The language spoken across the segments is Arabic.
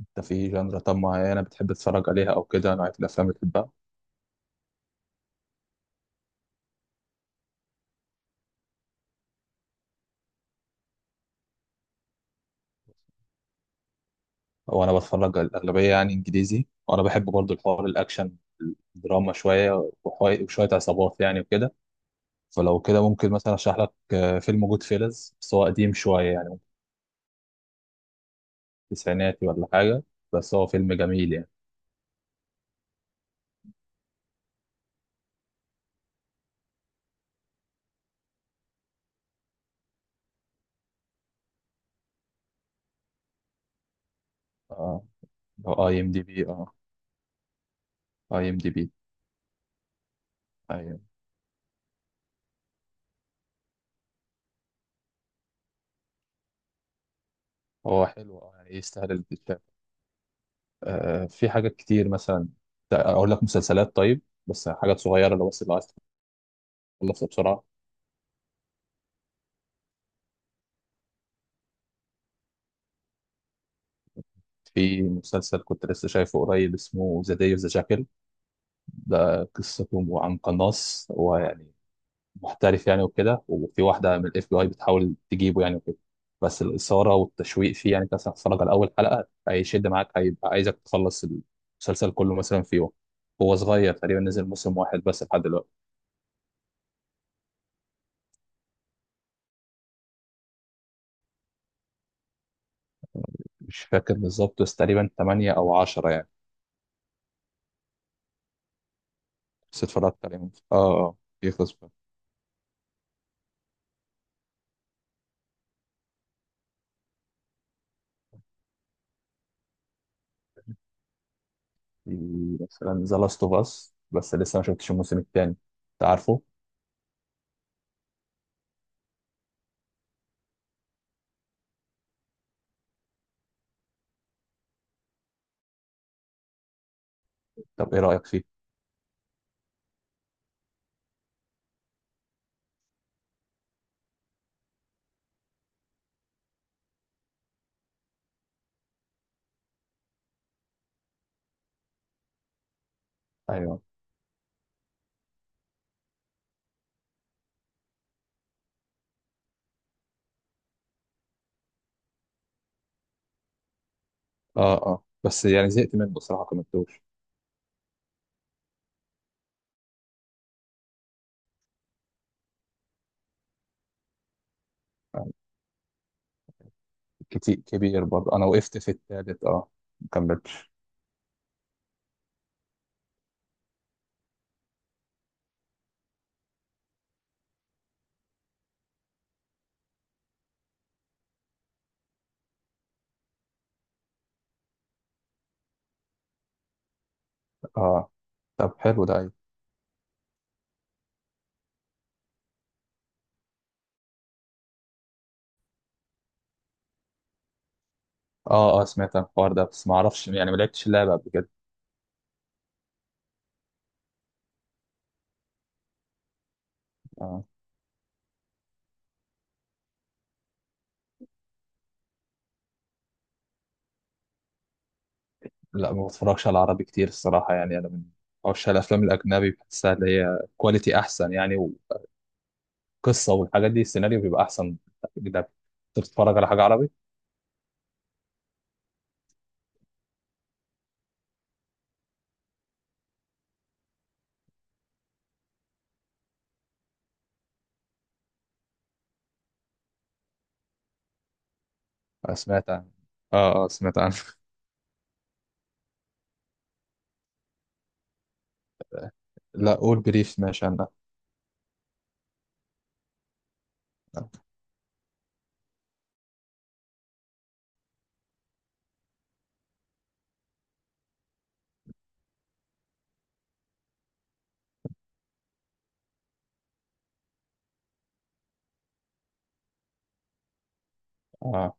انت في جنرا طب معينة بتحب تتفرج عليها او كده، نوعية الافلام اللي بتحبها؟ وانا بتفرج الاغلبية يعني انجليزي، وانا بحب برضو الحوار الاكشن، الدراما شوية وشوية عصابات يعني وكده. فلو كده ممكن مثلا اشرح لك فيلم جود فيلز، بس هو قديم شوية يعني، تسعيناتي ولا حاجة، بس هو فيلم جميل يعني. اه، اي ام دي بي. اه، اي ام دي بي. ايوه، هو حلو اه يعني يستاهل الكتاب. آه في حاجات كتير مثلا، اقول لك مسلسلات، طيب بس حاجات صغيرة لو بس اللي عايز تخلصها بسرعة. في مسلسل كنت لسه شايفه قريب اسمه ذا داي اوف ذا جاكل. ده قصته عن قناص، هو يعني محترف يعني وكده، وفي واحدة من الاف بي اي بتحاول تجيبه يعني وكده. بس الإثارة والتشويق فيه يعني، انت مثلا هتتفرج على أول حلقة هيشد معاك، هيبقى عايزك تخلص المسلسل كله مثلا في يوم. هو صغير تقريبا، نزل موسم واحد بس لحد دلوقتي. مش فاكر بالظبط، بس تقريبا 8 أو 10 يعني. بس اتفرجت عليه. اه اه، يخلص بقى. في مثلا ذا لاست اوف اس، بس لسه ما شفتش الموسم الثاني، انت عارفه طب ايه رأيك فيه؟ ايوه. اه اه، بس يعني زهقت منه بصراحة، كملتوش يعني. كتير كبير برضه، انا وقفت في التالت اه، ما كملتش. اه، طب حلو ده. ايوه، اه اه، سمعت عن الحوار ده بس ما اعرفش يعني، ما لعبتش اللعبة قبل كده. آه. لا، ما بتفرجش على العربي كتير الصراحة يعني. انا من عشاق الافلام الاجنبي، بحسها اللي هي كواليتي احسن يعني، وقصة والحاجات دي السيناريو بيبقى احسن. اجنبي. انت بتتفرج على حاجة عربي؟ آه سمعت عن، اه اه، سمعت عنه. لا، قول بريف، ماشي انا. اه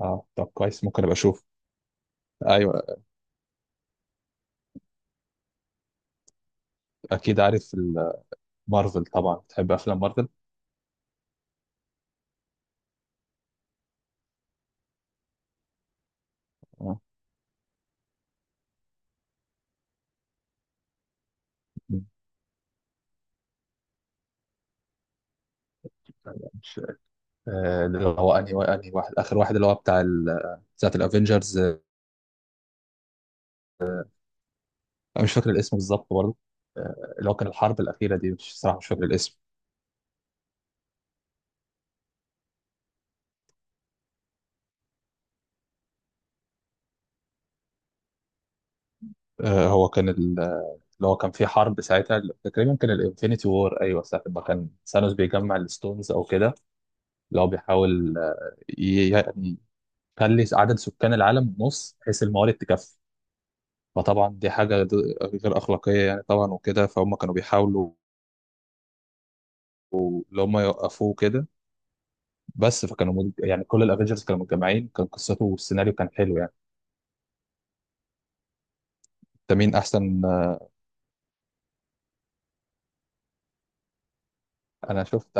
اه، طب كويس، ممكن ابقى اشوف. ايوه. اكيد عارف مارفل، طبعا بتحب افلام مارفل. آه. مش آه، اللي هو انهي انهي واحد، اخر واحد اللي هو بتاعت الافينجرز. انا مش فاكر الاسم بالظبط برضه. اللي هو كان الحرب الاخيره دي، مش صراحه مش فاكر الاسم. هو كان اللي هو كان في حرب، ساعتها تقريبا كان الانفينيتي وور، ايوه ساعه ما كان ثانوس بيجمع الستونز او كده. اللي هو بيحاول يعني يخلي عدد سكان العالم نص بحيث الموارد تكفي. فطبعا دي حاجة غير أخلاقية يعني طبعا وكده. فهم كانوا بيحاولوا اللي هم يوقفوه كده. بس يعني كل الافنجرز كانوا متجمعين، كان قصته والسيناريو كان حلو يعني. انت مين احسن انا شفت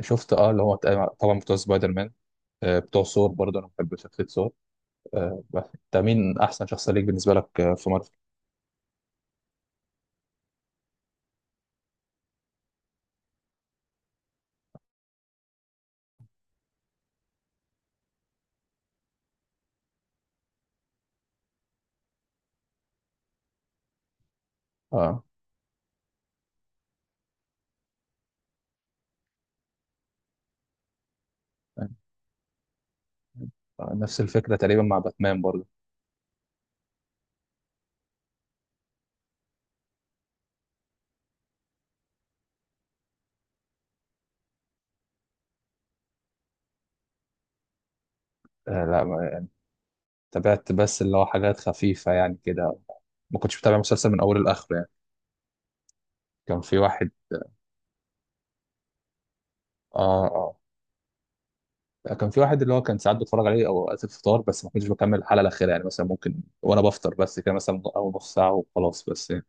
شفت اه اللي هو طبعا بتوع سبايدر مان، بتوع ثور برضه، انا بحب شخصية ثور. بس انت مين احسن شخصية ليك بالنسبة لك في مارفل؟ اه. نفس الفكرة تقريبا مع باتمان برضه. آه، لا ما- تابعت بس اللي هو حاجات خفيفة يعني كده، ما كنتش متابع مسلسل من أوله لآخره يعني. كان في واحد، اه اه، كان في واحد اللي هو كان ساعات بتفرج عليه او وقت الفطار، بس ما كنتش بكمل الحلقه الاخيره يعني، مثلا ممكن وانا بفطر بس كده مثلا، او نص ساعه وخلاص بس يعني.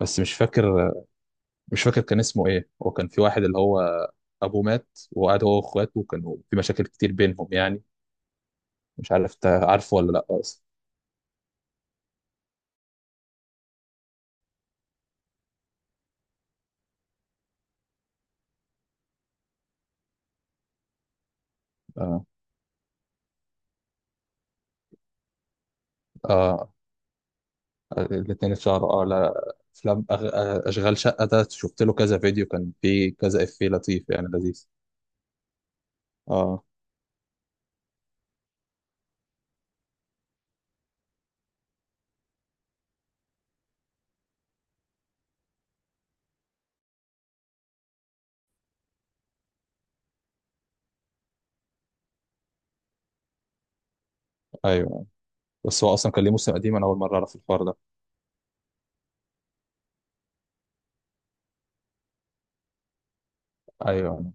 بس مش فاكر كان اسمه ايه. هو كان في واحد اللي هو ابوه مات، وقعد هو واخواته وكانوا في مشاكل كتير بينهم يعني. مش عارف انت عارفه ولا لا اصلا. اه اه، الاثنين اتشهروا اه، لا، افلام أغ... آه، اشغال شقه ده شفت له كذا فيديو، كان فيه كذا افيه لطيف يعني لذيذ. اه ايوه. بس هو اصلا كان ليه موسم قديم؟ انا اول مره اعرف الحوار ده. ايوه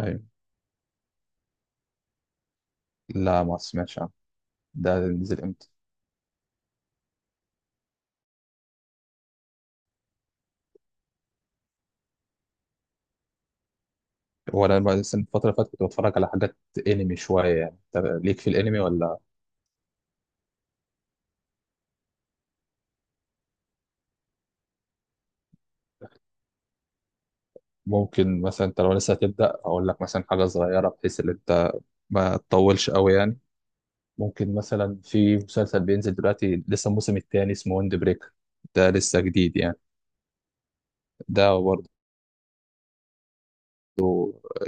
ايوه. لا، ما سمعتش عنه، ده نزل امتى؟ هو انا بقى لسه الفتره اللي فاتت كنت بتفرج على حاجات انمي شويه يعني. انت ليك في الانمي ولا؟ ممكن مثلا انت لو لسه هتبدا، اقول لك مثلا حاجه صغيره بحيث ان انت ما تطولش قوي يعني. ممكن مثلا في مسلسل بينزل دلوقتي لسه الموسم الثاني اسمه ويند بريكر، ده لسه جديد يعني. ده برضه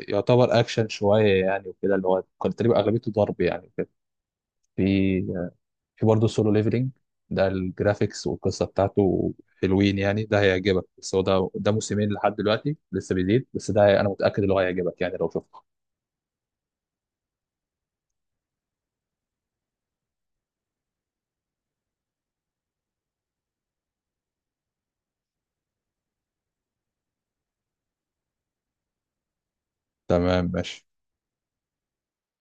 يعتبر اكشن شويه يعني وكده، اللي هو كان تقريبا اغلبيته ضرب يعني وكده. في في برضه سولو ليفلينج، ده الجرافيكس والقصه بتاعته حلوين يعني، ده هيعجبك. بس هو ده موسمين لحد دلوقتي لسه بيزيد، بس ده انا متاكد اللي هو هيعجبك يعني لو شفته. تمام، ماشي.